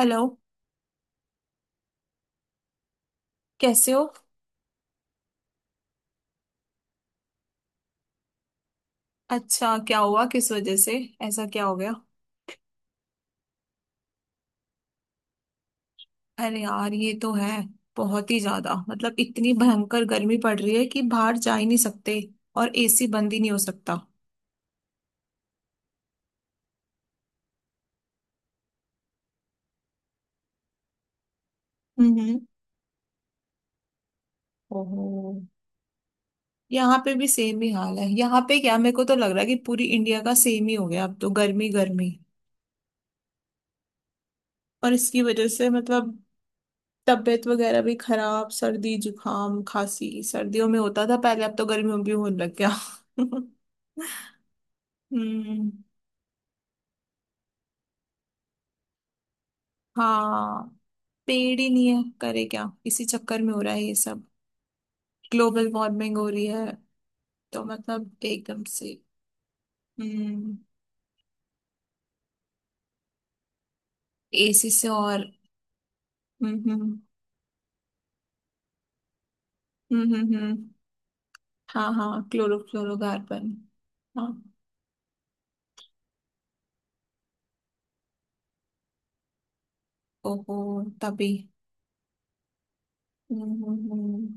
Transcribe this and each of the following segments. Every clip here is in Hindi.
हेलो। कैसे हो? अच्छा, क्या हुआ, किस वजह से? ऐसा क्या हो गया? अरे यार, ये तो है। बहुत ही ज्यादा मतलब इतनी भयंकर गर्मी पड़ रही है कि बाहर जा ही नहीं सकते, और एसी बंद ही नहीं हो सकता। हम्म। ओहो। यहाँ पे भी सेम ही हाल है। यहाँ पे क्या, मेरे को तो लग रहा है कि पूरी इंडिया का सेम ही हो गया अब तो। गर्मी गर्मी और इसकी वजह से मतलब तबीयत वगैरह भी खराब। सर्दी जुकाम खांसी सर्दियों में होता था पहले, अब तो गर्मियों में भी होने लग गया। हम्म। हाँ, पेड़ ही नहीं है, करे क्या? इसी चक्कर में हो रहा है ये सब। ग्लोबल वार्मिंग हो रही है, तो मतलब एकदम से। हम्म। एसी से और। हम्म हम्म हम्म हम्म हम्म, हाँ हाँ, क्लोरोफ्लोरोकार्बन। हाँ। ओहो। तभी। हम्म हम्म हम्म।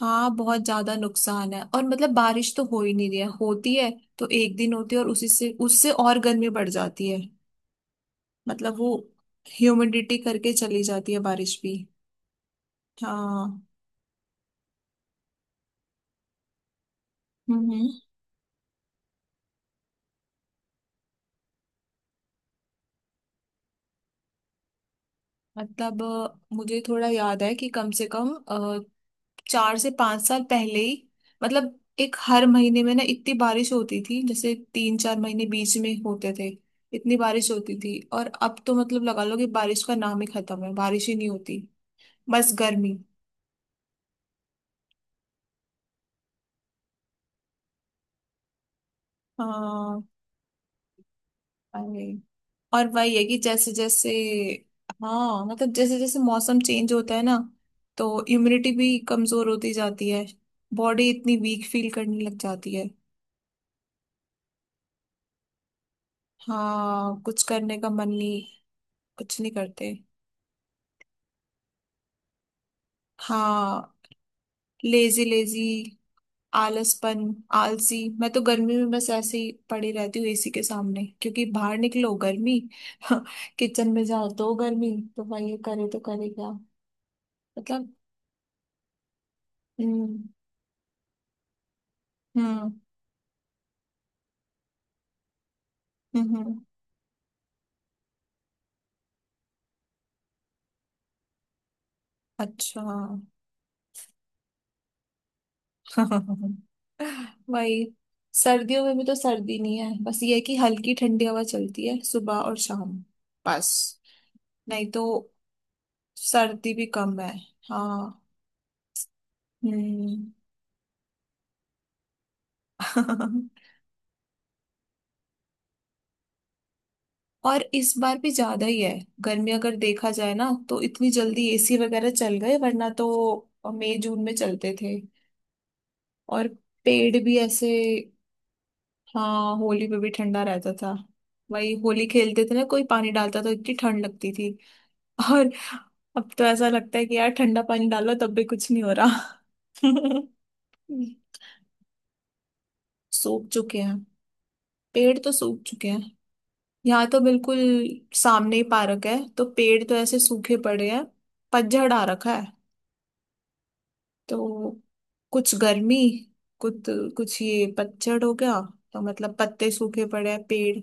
हाँ, बहुत ज्यादा नुकसान है। और मतलब बारिश तो हो ही नहीं रही है। होती है तो एक दिन होती है, और उसी से, उससे और गर्मी बढ़ जाती है। मतलब वो ह्यूमिडिटी करके चली जाती है बारिश भी। हाँ। हम्म। मतलब मुझे थोड़ा याद है कि कम से कम चार से पांच साल पहले ही मतलब एक हर महीने में ना इतनी बारिश होती थी। जैसे तीन चार महीने बीच में होते थे, इतनी बारिश होती थी। और अब तो मतलब लगा लो कि बारिश का नाम ही खत्म है, बारिश ही नहीं होती। बस गर्मी। हाँ। अरे, और वही है कि जैसे जैसे। हाँ, मतलब जैसे जैसे मौसम चेंज होता है ना, तो इम्यूनिटी भी कमजोर होती जाती है। बॉडी इतनी वीक फील करने लग जाती है। हाँ, कुछ करने का मन नहीं, कुछ नहीं करते। हाँ। Lazy lazy. आलसपन। आलसी। मैं तो गर्मी में बस ऐसे ही पड़ी रहती हूँ एसी के सामने, क्योंकि बाहर निकलो गर्मी, किचन में जाओ तो गर्मी। तो भाई ये करे तो करे क्या? मतलब। हम्म हम्म हम्म। अच्छा। वही। सर्दियों में भी तो सर्दी नहीं है। बस ये है कि हल्की ठंडी हवा चलती है सुबह और शाम। बस, नहीं तो। सर्दी भी कम है। हाँ। हम्म। और इस बार भी ज्यादा ही है गर्मी। अगर देखा जाए ना, तो इतनी जल्दी एसी वगैरह चल गए, वरना तो मई जून में चलते थे। और पेड़ भी ऐसे। हाँ, होली पे भी ठंडा रहता था। वही, होली खेलते थे ना, कोई पानी डालता तो इतनी ठंड लगती थी। और अब तो ऐसा लगता है कि यार ठंडा पानी डालो तब भी कुछ नहीं हो रहा। सूख चुके हैं। पेड़ तो सूख चुके हैं। यहाँ तो बिल्कुल सामने ही पार्क है, तो पेड़ तो ऐसे सूखे पड़े हैं। पतझड़ आ रखा है। तो कुछ गर्मी, कुछ, कुछ ये पतझड़ हो गया, तो मतलब पत्ते सूखे पड़े हैं पेड़।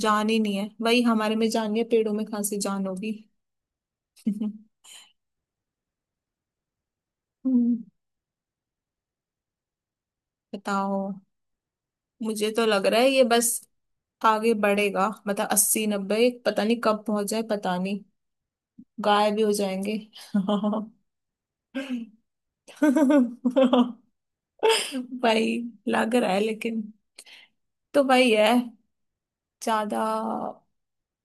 जान ही नहीं है। वही, हमारे में जान है, पेड़ों में कहाँ से जान होगी। हम्म, बताओ। मुझे तो लग रहा है ये बस आगे बढ़ेगा, मतलब अस्सी नब्बे, पता नहीं कब पहुंच जाए, पता नहीं। गायब भी हो जाएंगे। भाई, लग रहा है लेकिन। तो भाई है। ज्यादा।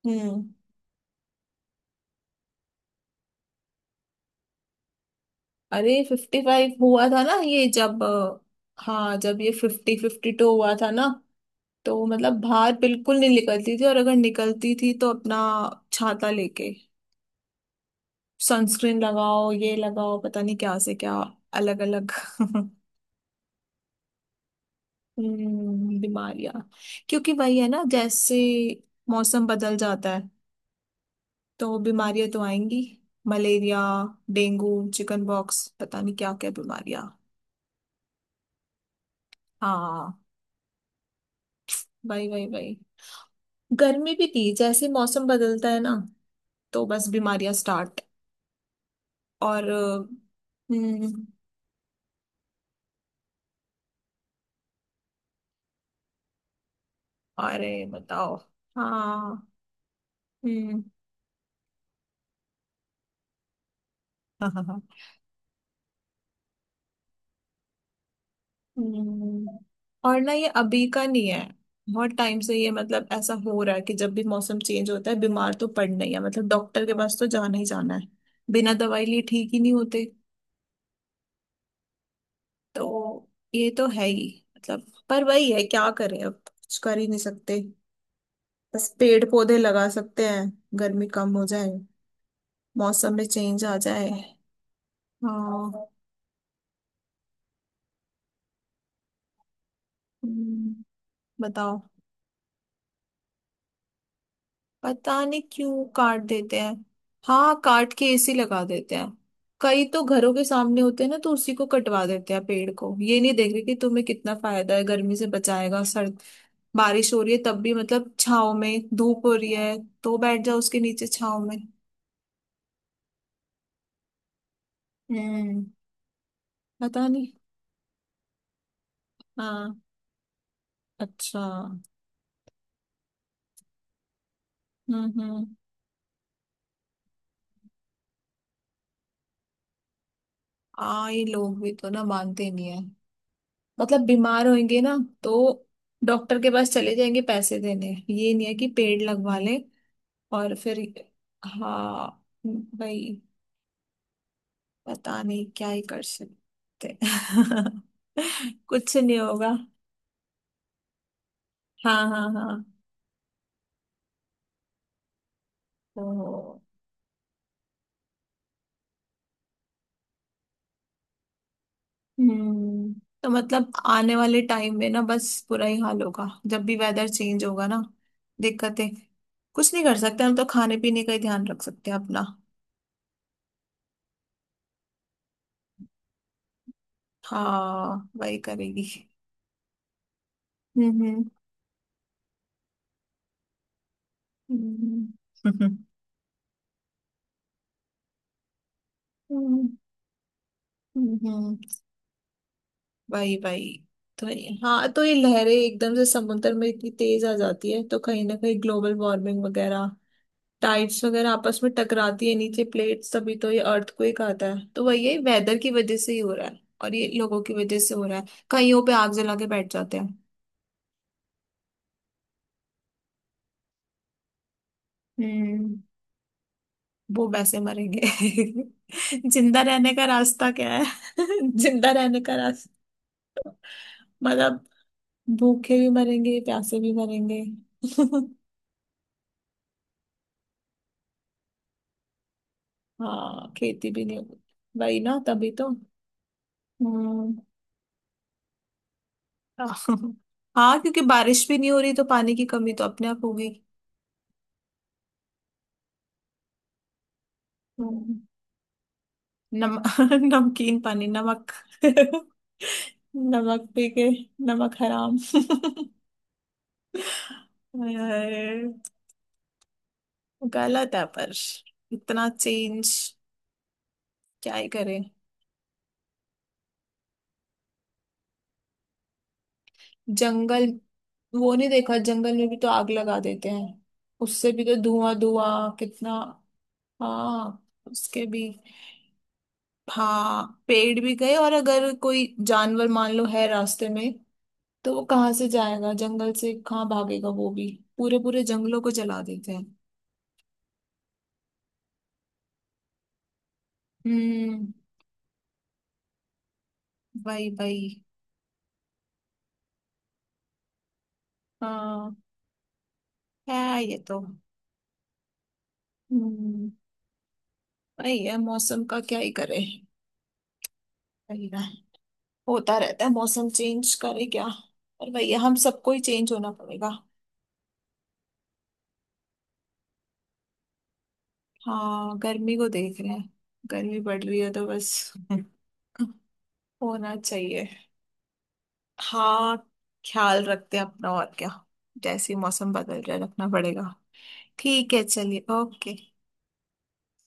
हम्म। अरे, फिफ्टी फाइव हुआ था ना ये, जब हाँ, जब ये फिफ्टी फिफ्टी टू हुआ था ना, तो मतलब बाहर बिल्कुल नहीं निकलती थी। और अगर निकलती थी तो अपना छाता लेके, सनस्क्रीन लगाओ, ये लगाओ, पता नहीं क्या से क्या अलग अलग। हम्म, बीमारियां। क्योंकि वही है ना, जैसे मौसम बदल जाता है, तो बीमारियां तो आएंगी। मलेरिया, डेंगू, चिकन बॉक्स, पता नहीं क्या क्या बीमारियां। हाँ, वही वही वही। गर्मी भी थी, जैसे मौसम बदलता है ना, तो बस बीमारियां स्टार्ट। और हम्म। अरे, बताओ। हाँ। हम्म। हम्म। और ना, ये अभी का नहीं है, बहुत टाइम से ये मतलब ऐसा हो रहा है कि जब भी मौसम चेंज होता है, बीमार तो पड़ना ही है, मतलब डॉक्टर के पास तो जाना ही जाना है। बिना दवाई लिए ठीक ही नहीं होते। तो ये तो है ही। मतलब पर वही है, क्या करें, अब कुछ कर ही नहीं सकते। बस पेड़ पौधे लगा सकते हैं, गर्मी कम हो जाए, मौसम में चेंज आ जाए। हाँ। हम्म, बताओ। पता नहीं क्यों काट देते हैं। हाँ, काट के एसी लगा देते हैं। कई तो घरों के सामने होते हैं ना, तो उसी को कटवा देते हैं पेड़ को। ये नहीं देख रहे कि तुम्हें कितना फायदा है, गर्मी से बचाएगा, सर्द, बारिश हो रही है तब भी मतलब छाव में, धूप हो रही है तो बैठ जाओ उसके नीचे छाव में। हम्म। पता नहीं। हाँ। अच्छा। हम्म। हम्म। हाँ, ये लोग भी तो ना, मानते नहीं है। मतलब बीमार होंगे ना, तो डॉक्टर के पास चले जाएंगे, पैसे देने। ये नहीं है कि पेड़ लगवा लें। और फिर, हाँ, भाई पता नहीं क्या ही कर सकते, कुछ नहीं होगा। हाँ हाँ हाँ। तो। हम्म। तो मतलब आने वाले टाइम में ना, बस बुरा ही हाल होगा जब भी वेदर चेंज होगा ना। दिक्कतें, कुछ नहीं कर सकते हम, तो खाने पीने का ही ध्यान रख सकते हैं अपना। हाँ, वही करेगी। हम्म हम्म हम्म हम्म, हम्म, वही। हाँ, तो ये लहरें एकदम से समुद्र में इतनी तेज आ जाती है, तो कहीं ना कहीं ग्लोबल वार्मिंग वगैरह, टाइड्स वगैरह आपस में टकराती है, नीचे प्लेट्स, तभी तो ये अर्थक्वेक आता है। तो वही, ये वेदर की वजह से ही हो रहा है और ये लोगों की वजह से हो रहा है। कईयों पे आग जला के बैठ जाते हैं। हम्म। वो वैसे मरेंगे। जिंदा रहने का रास्ता क्या है? जिंदा रहने का रास्ता, मतलब भूखे भी मरेंगे, प्यासे भी मरेंगे। हाँ, खेती भी नहीं होगी। वही ना, तभी तो। हम्म। हाँ, क्योंकि बारिश भी नहीं हो रही, तो पानी की कमी तो अपने आप होगी। हम्म। नम। नमकीन पानी, नमक, नमक पी के, नमक हराम। अरे, गलत है पर। इतना चेंज, क्या ही करें। जंगल, वो नहीं देखा, जंगल में भी तो आग लगा देते हैं, उससे भी तो धुआं धुआं कितना। हाँ। उसके भी, हाँ पेड़ भी गए, और अगर कोई जानवर मान लो है रास्ते में, तो वो कहाँ से जाएगा, जंगल से कहाँ भागेगा वो भी। पूरे पूरे जंगलों को जला देते हैं। हम्म, वही वही। हाँ, है। ये तो। हम्म। वही है, मौसम का क्या ही करे। वही ना, होता रहता है मौसम चेंज, करे क्या। पर वही है, हम सबको ही चेंज होना पड़ेगा। हाँ, गर्मी को देख रहे हैं, गर्मी बढ़ रही है तो बस। होना चाहिए। हाँ, ख्याल रखते हैं अपना, और क्या। जैसे ही मौसम बदल रहा है, रखना पड़ेगा। ठीक है, चलिए, ओके।